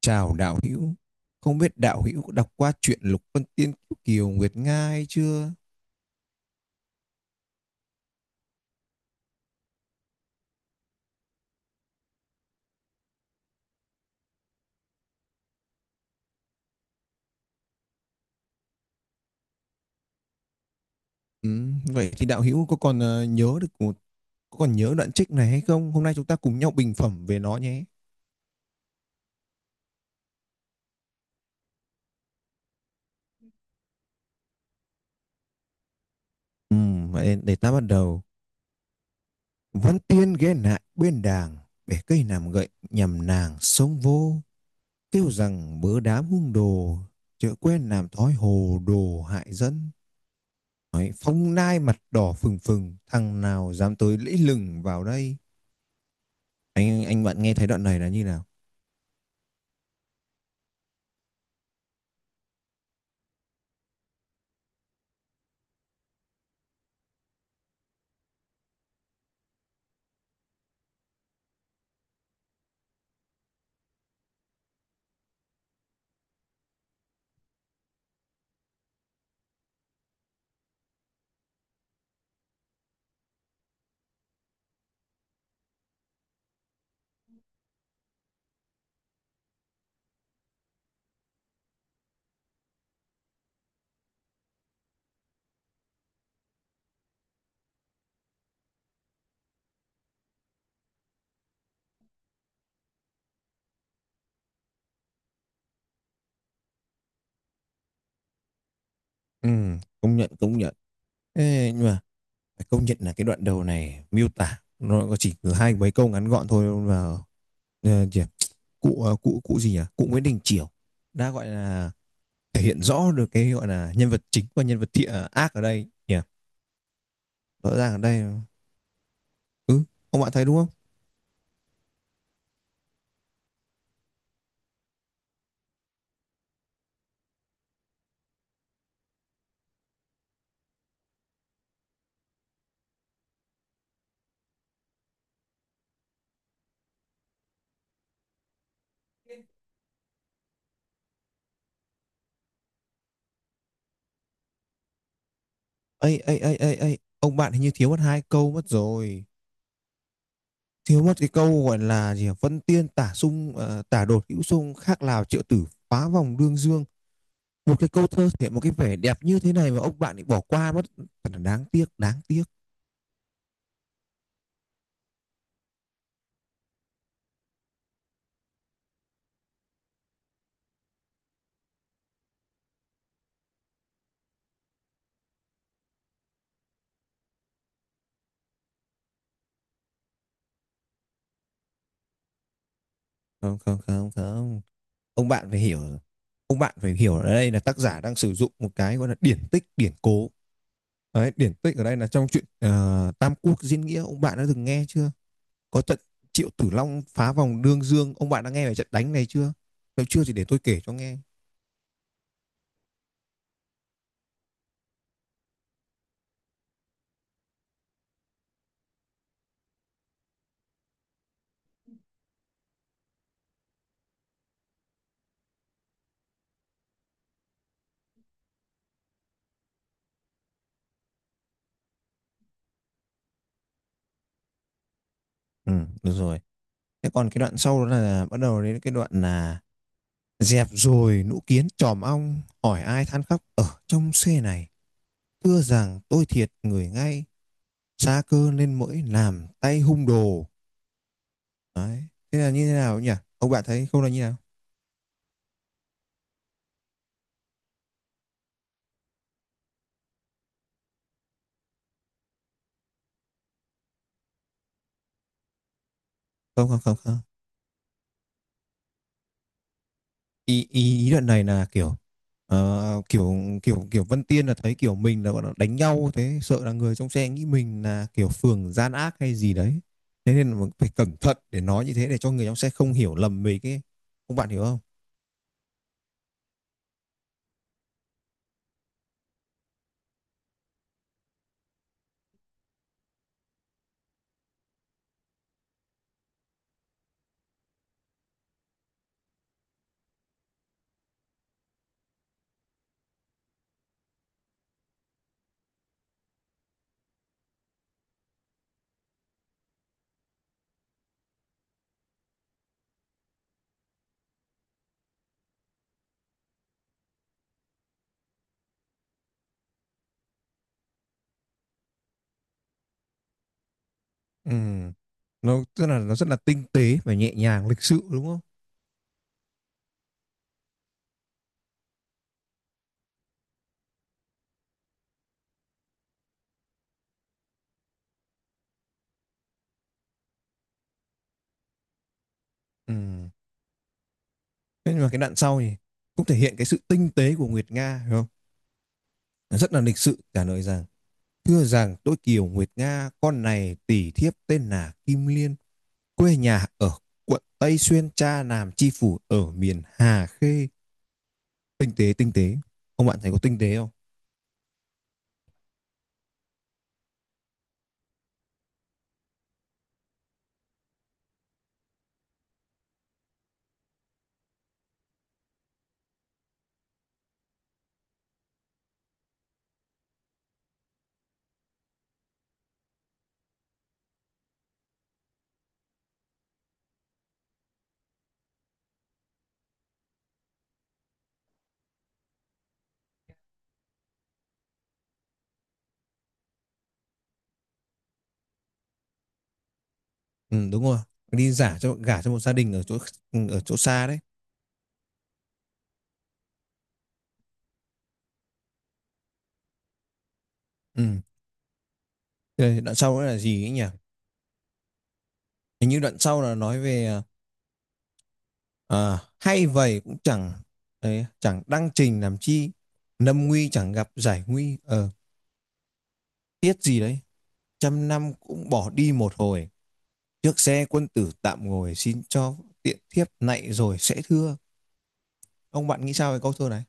Chào đạo hữu, không biết đạo hữu có đọc qua truyện Lục Vân Tiên Kiều, Kiều Nguyệt Nga hay chưa? Ừ, vậy thì đạo hữu có còn nhớ đoạn trích này hay không? Hôm nay chúng ta cùng nhau bình phẩm về nó nhé. Ừ, vậy để, ta bắt đầu. Văn Tiên ghé lại bên đàng, bẻ cây làm gậy nhằm nàng sông vô, kêu rằng bớ đám hung đồ, chớ quen làm thói hồ đồ hại dân. Đấy, phong nai mặt đỏ phừng phừng, thằng nào dám tới lẫy lừng vào đây? Anh bạn nghe thấy đoạn này là như nào? Ừ, công nhận công nhận. Ê, nhưng mà phải công nhận là cái đoạn đầu này miêu tả nó có chỉ có hai mấy câu ngắn gọn thôi mà, ờ, chỉ- cụ ờ, cụ cụ gì nhỉ cụ Nguyễn Đình Chiểu đã gọi là thể hiện rõ được cái gọi là nhân vật chính và nhân vật thiện ác ở đây nhỉ, rõ ràng ở đây. Ừ, ông bạn thấy đúng không? Ấy ấy ấy ấy ấy, ông bạn hình như thiếu mất hai câu mất rồi, thiếu mất cái câu gọi là gì nhỉ? Vân Tiên tả sung tả đột hữu sung khác Lào triệu tử phá vòng đương dương. Một cái câu thơ thể một cái vẻ đẹp như thế này mà ông bạn lại bỏ qua mất, thật là đáng tiếc, đáng tiếc. Không, không, không, không. Ông bạn phải hiểu, ông bạn phải hiểu ở đây là tác giả đang sử dụng một cái gọi là điển tích, điển cố. Đấy, điển tích ở đây là trong chuyện Tam Quốc Diễn Nghĩa, ông bạn đã từng nghe chưa? Có trận Triệu Tử Long phá vòng Đương Dương, ông bạn đã nghe về trận đánh này chưa? Nếu chưa thì để tôi kể cho nghe. Ừ, được rồi. Thế còn cái đoạn sau đó là bắt đầu đến cái đoạn là: Dẹp rồi nũ kiến tròm ong, hỏi ai than khóc ở trong xe này. Thưa rằng tôi thiệt người ngay, xa cơ nên mỗi làm tay hung đồ. Đấy. Thế là như thế nào nhỉ? Ông bạn thấy không là như thế nào? Không, không, không, không. Ý, ý, ý đoạn này là kiểu ờ, kiểu kiểu Vân Tiên là thấy kiểu mình là gọi là đánh nhau thế sợ là người trong xe nghĩ mình là kiểu phường gian ác hay gì đấy, thế nên là phải cẩn thận để nói như thế để cho người trong xe không hiểu lầm mình ấy, ông bạn hiểu không? Ừ. Nó tức là nó rất là tinh tế và nhẹ nhàng lịch sự đúng không? Ừ. Thế nhưng mà cái đoạn sau thì cũng thể hiện cái sự tinh tế của Nguyệt Nga hiểu không? Nó rất là lịch sự trả lời rằng: thưa rằng tôi Kiều Nguyệt Nga, con này tỷ thiếp tên là Kim Liên, quê nhà ở quận Tây Xuyên, cha làm chi phủ ở miền Hà Khê. Tinh tế tinh tế, ông bạn thấy có tinh tế không? Ừ, đúng rồi, đi giả cho gả cho một gia đình ở chỗ, ở chỗ xa đấy. Ừ. Thế đoạn sau nữa là gì ấy nhỉ? Hình như đoạn sau là nói về, hay vậy cũng chẳng, đấy, chẳng đăng trình làm chi, lâm nguy chẳng gặp giải nguy tiếc gì đấy, trăm năm cũng bỏ đi một hồi, trước xe quân tử tạm ngồi xin cho, tiện thiếp nạy rồi sẽ thưa. Ông bạn nghĩ sao về câu thơ này?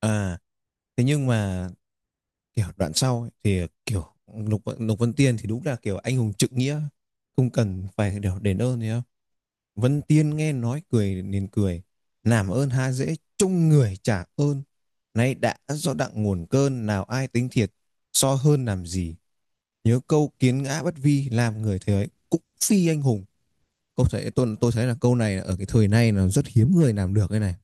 À, thế nhưng mà kiểu đoạn sau ấy, thì kiểu Lục Lục Vân Tiên thì đúng là kiểu anh hùng trượng nghĩa, không cần phải kiểu đền ơn gì không. Vân Tiên nghe nói cười nên cười. Làm ơn há dễ, chung người trả ơn. Nay đã do đặng nguồn cơn, nào ai tính thiệt, so hơn làm gì. Nhớ câu kiến ngã bất vi, làm người thế ấy, cũng phi anh hùng. Câu thấy, tôi thấy là câu này ở cái thời nay là rất hiếm người làm được cái này.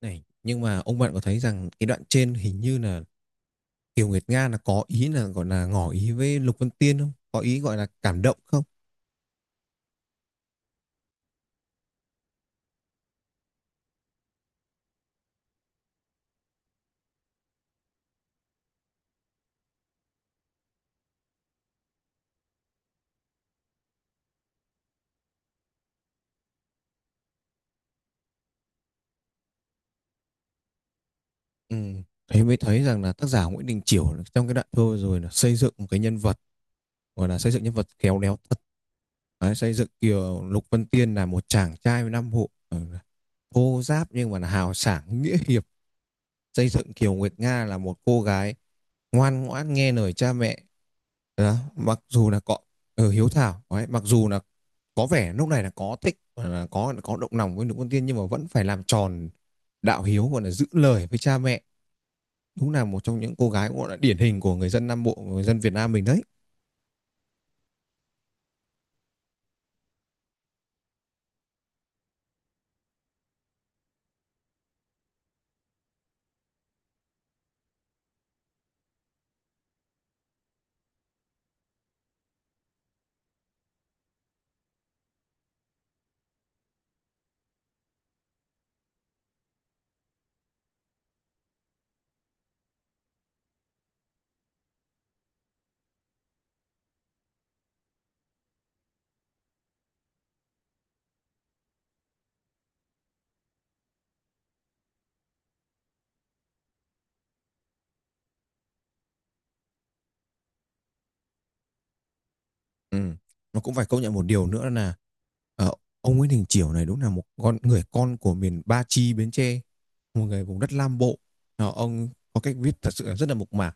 Này, nhưng mà ông bạn có thấy rằng cái đoạn trên hình như là Kiều Nguyệt Nga là có ý là gọi là ngỏ ý với Lục Vân Tiên không? Có ý gọi là cảm động không? Ừ. Thế mới thấy rằng là tác giả Nguyễn Đình Chiểu trong cái đoạn thơ rồi là xây dựng một cái nhân vật, gọi là xây dựng nhân vật khéo léo thật. Đấy, xây dựng kiểu Lục Vân Tiên là một chàng trai với năm hộ, ừ, thô giáp nhưng mà là hào sảng nghĩa hiệp, xây dựng Kiều Nguyệt Nga là một cô gái ngoan ngoãn nghe lời cha mẹ đó. Mặc dù là có, ừ, hiếu thảo. Đấy, mặc dù là có vẻ lúc này là có thích là có động lòng với Lục Vân Tiên nhưng mà vẫn phải làm tròn đạo hiếu, gọi là giữ lời với cha mẹ, đúng là một trong những cô gái cũng gọi là điển hình của người dân Nam Bộ, người dân Việt Nam mình đấy. Ừ. Nó cũng phải công nhận một điều nữa là, ờ, ông Nguyễn Đình Chiểu này đúng là một con người con của miền Ba Chi Bến Tre, một người vùng đất Nam Bộ. Ông có cách viết thật sự là rất là mộc mạc,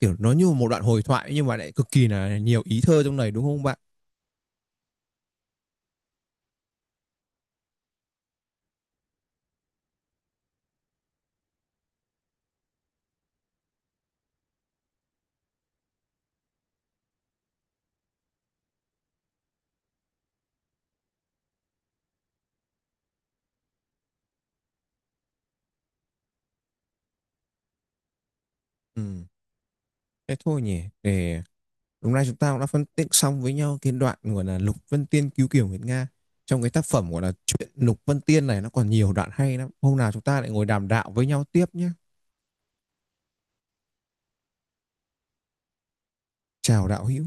kiểu nó như một đoạn hồi thoại nhưng mà lại cực kỳ là nhiều ý thơ trong này đúng không bạn? Ừ. Thế thôi nhỉ, để đúng ra chúng ta cũng đã phân tích xong với nhau cái đoạn gọi là Lục Vân Tiên cứu Kiều Nguyệt Nga. Trong cái tác phẩm gọi là chuyện Lục Vân Tiên này nó còn nhiều đoạn hay lắm. Hôm nào chúng ta lại ngồi đàm đạo với nhau tiếp nhé. Chào đạo hữu.